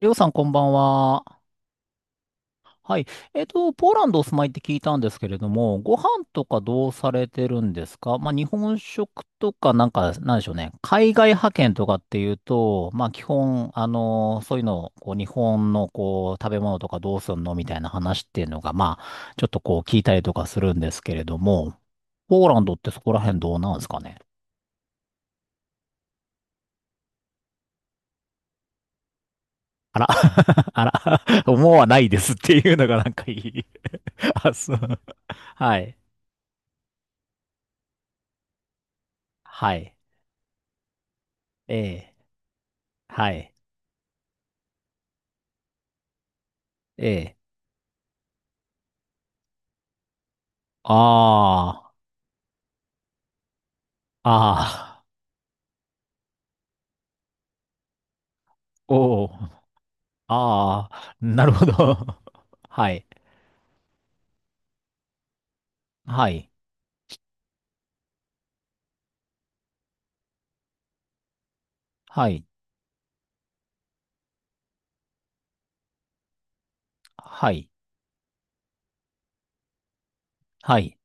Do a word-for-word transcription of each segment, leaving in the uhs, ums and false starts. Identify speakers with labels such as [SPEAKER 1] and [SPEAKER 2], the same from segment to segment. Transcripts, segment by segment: [SPEAKER 1] りょうさん、こんばんは。はい。えっと、ポーランドお住まいって聞いたんですけれども、ご飯とかどうされてるんですか？まあ、日本食とか、なんか、なんでしょうね。海外派遣とかっていうと、まあ、基本、あのそういうのを、こう、日本の、こう、食べ物とかどうすんのみたいな話っていうのが、まあ、ちょっとこう、聞いたりとかするんですけれども、ポーランドってそこら辺どうなんですかね？あら、あら、思わないですっていうのがなんかいい。あ、そう。はい。はい。ええ、はい、ええ、ああ、ああ、おお、ああ、なるほど。はい、はい、はい、はい、はい。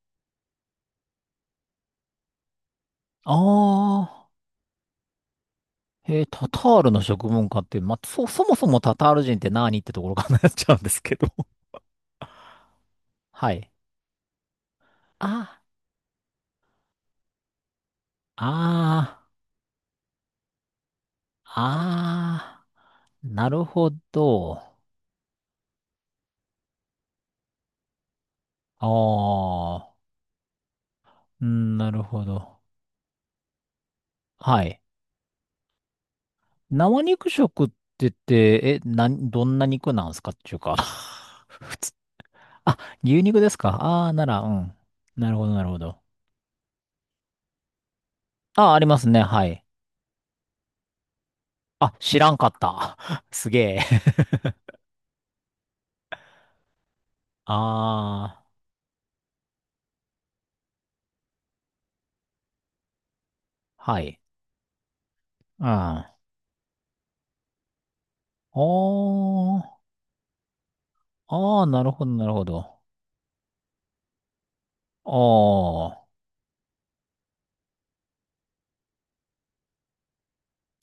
[SPEAKER 1] ああ、えー、タタールの食文化って、まあ、そ、そもそもタタール人って何ってところからなっちゃうんですけど。はい。あ、ああ、ああ、なるほど。ああ、うん、なるほど。はい。生肉食って言って、え、なん、どんな肉なんすかっていうか 普通。あ、牛肉ですか、ああー、なら、うん。なるほど、なるほど。あ、ありますね、はい。あ、知らんかった。すげえ。ああ、はい。うん。あー、あー、なるほど、なるほど。あ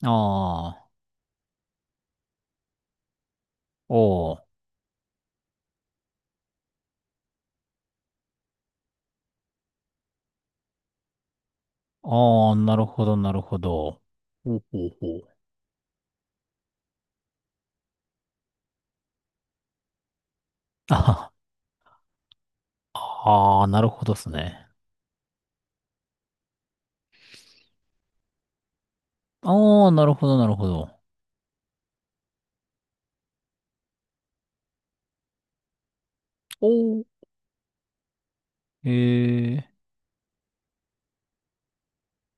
[SPEAKER 1] あ、ああ、おー、ああ、なるほど、なるほど。ほうほうほう。あは、はあー、なるほどっすね。ああ、なるほど、なるほど。お、ええ、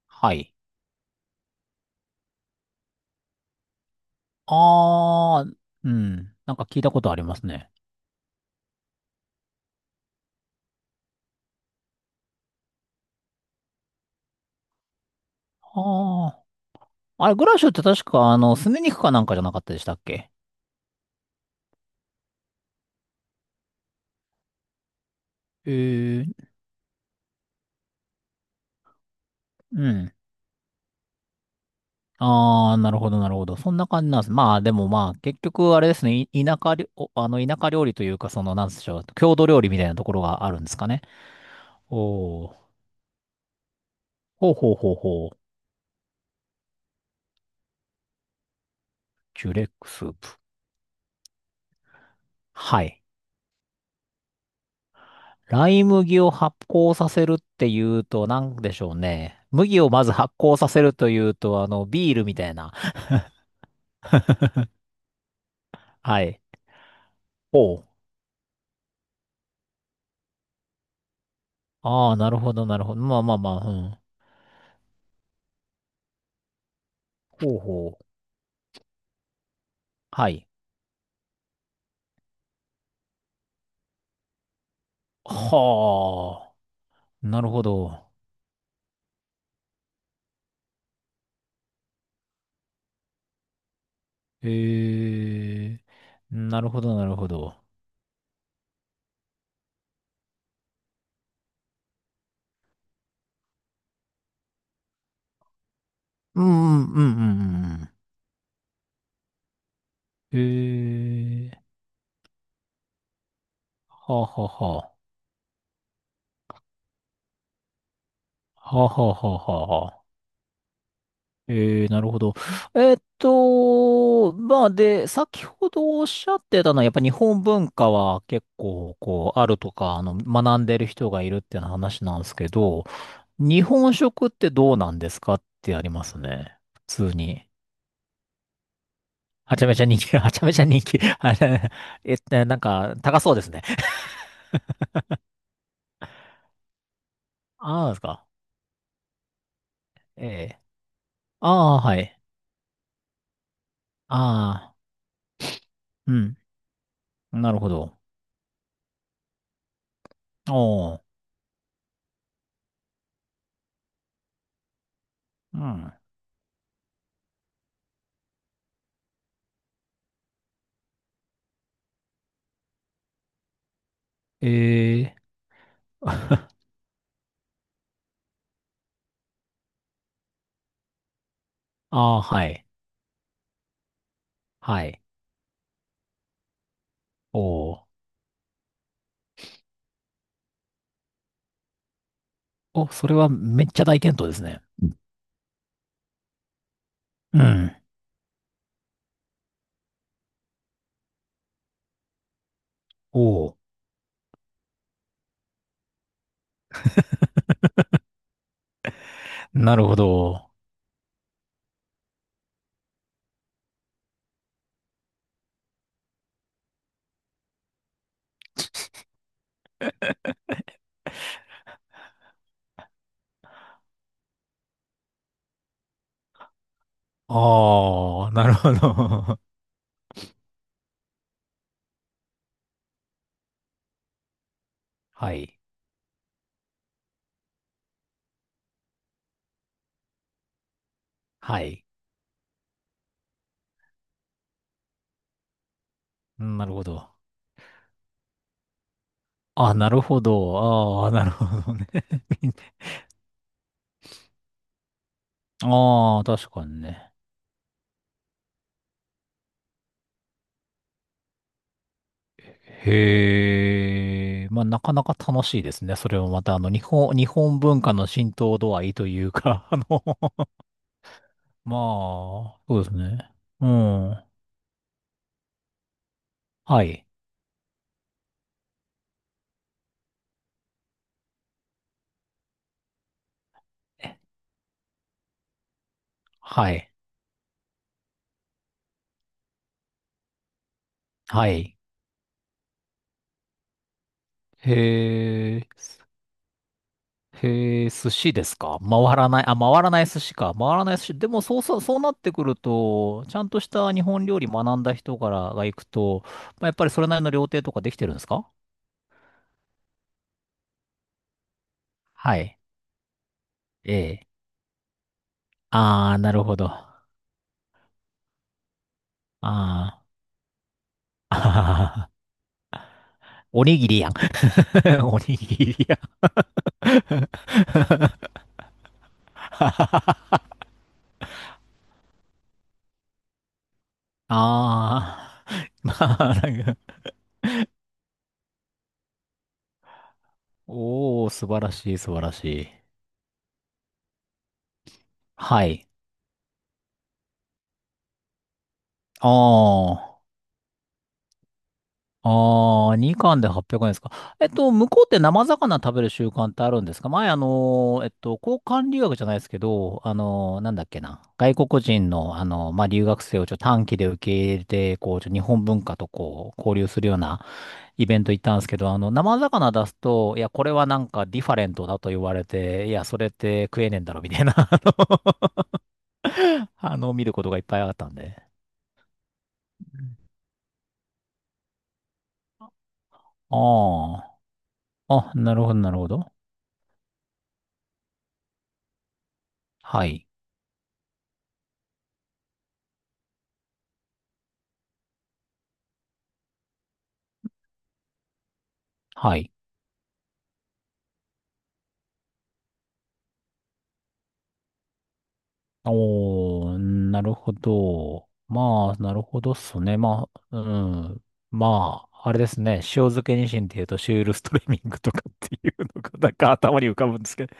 [SPEAKER 1] はい。あー、うん。なんか聞いたことありますね。あー。あれ、グラッシュって確か、あの、すね肉かなんかじゃなかったでしたっけ？ええ、うん。あー、なるほど、なるほど。そんな感じなんです。まあ、でもまあ、結局、あれですね、い、田舎りお、あの、田舎料理というか、その、なんでしょう、郷土料理みたいなところがあるんですかね。おー。ほうほうほうほう。ジュレックスープ。はい。ライ麦を発酵させるっていうと、なんでしょうね。麦をまず発酵させるというと、あの、ビールみたいな。はい。ほう。ああ、なるほど、なるほど。まあまあまあ、うん。ほうほう。はい。はあ。なるほど。ええ。なるほど、なるほど。うんうんうんうんうん。ええ。はあはあはあ。はあはあはあはあはあはあは、えー、なるほど。えーっと、まあで、先ほどおっしゃってたのは、やっぱ日本文化は結構、こう、あるとか、あの、学んでる人がいるっていう話なんですけど、日本食ってどうなんですかってありますね。普通に。はちゃめちゃ人気、はちゃめちゃ人気。あれ、えっと、なんか、高そうですね。ああ、ですか。ええ。ああ、はい。ああ、うん。なるほど。おー、うん。ええ。ああ、はい。はい。おー、お、それはめっちゃ大健闘ですね。うん、おお、なるほど。ああ、なるほど。はい。はい。なるほど。あ、なるほど。ああ、なるほどね。ああ、確かにね。へえ。まあ、なかなか楽しいですね。それもまた、あの、日本、日本文化の浸透度合いというか、あの、まあ、そうですね。うん。はい。はい。はい。へえ、へえ、寿司ですか回らない、あ、回らない寿司か。回らない寿司。でも、そうそう、そうなってくると、ちゃんとした日本料理学んだ人からが行くと、まあ、やっぱりそれなりの料亭とかできてるんですか？はい。ええ。ああ、なるほど。ああ。あはははおにぎりやん。おにぎりやん。ああ。まあ、なんか、おー、素晴らしい、素晴らしい。はい。ああ。ああ、に貫ではっぴゃくえんですか。えっと、向こうって生魚食べる習慣ってあるんですか？前、あのー、えっと、交換留学じゃないですけど、あのー、なんだっけな。外国人の、あのー、まあ、留学生をちょっと短期で受け入れて、こう、ちょっと日本文化とこう、交流するようなイベント行ったんですけど、あの、生魚出すと、いや、これはなんかディファレントだと言われて、いや、それって食えねえんだろ、みたいな、あの、あの見ることがいっぱいあったんで。ああ、あ、なるほど、なるほど。はい、はい。おー、なるほど。まあ、なるほどっすね。まあ、うん。まあ、あれですね。塩漬けニシンっていうと、シュールストレミングとかっていうのが、なんか 頭に浮かぶんですけど。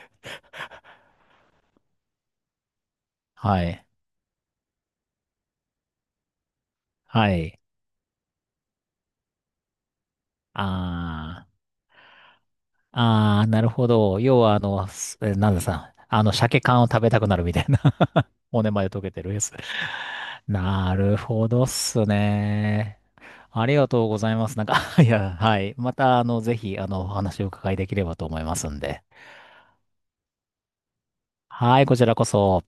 [SPEAKER 1] はい。はい。あー。あー、なるほど。要は、あの、すえなんださ、あの、鮭缶を食べたくなるみたいな。骨まで溶けてるやつ。なるほどっすね。ありがとうございます。なんか いや、はい。また、あの、ぜひ、あの、お話をお伺いできればと思いますんで。はい、こちらこそ。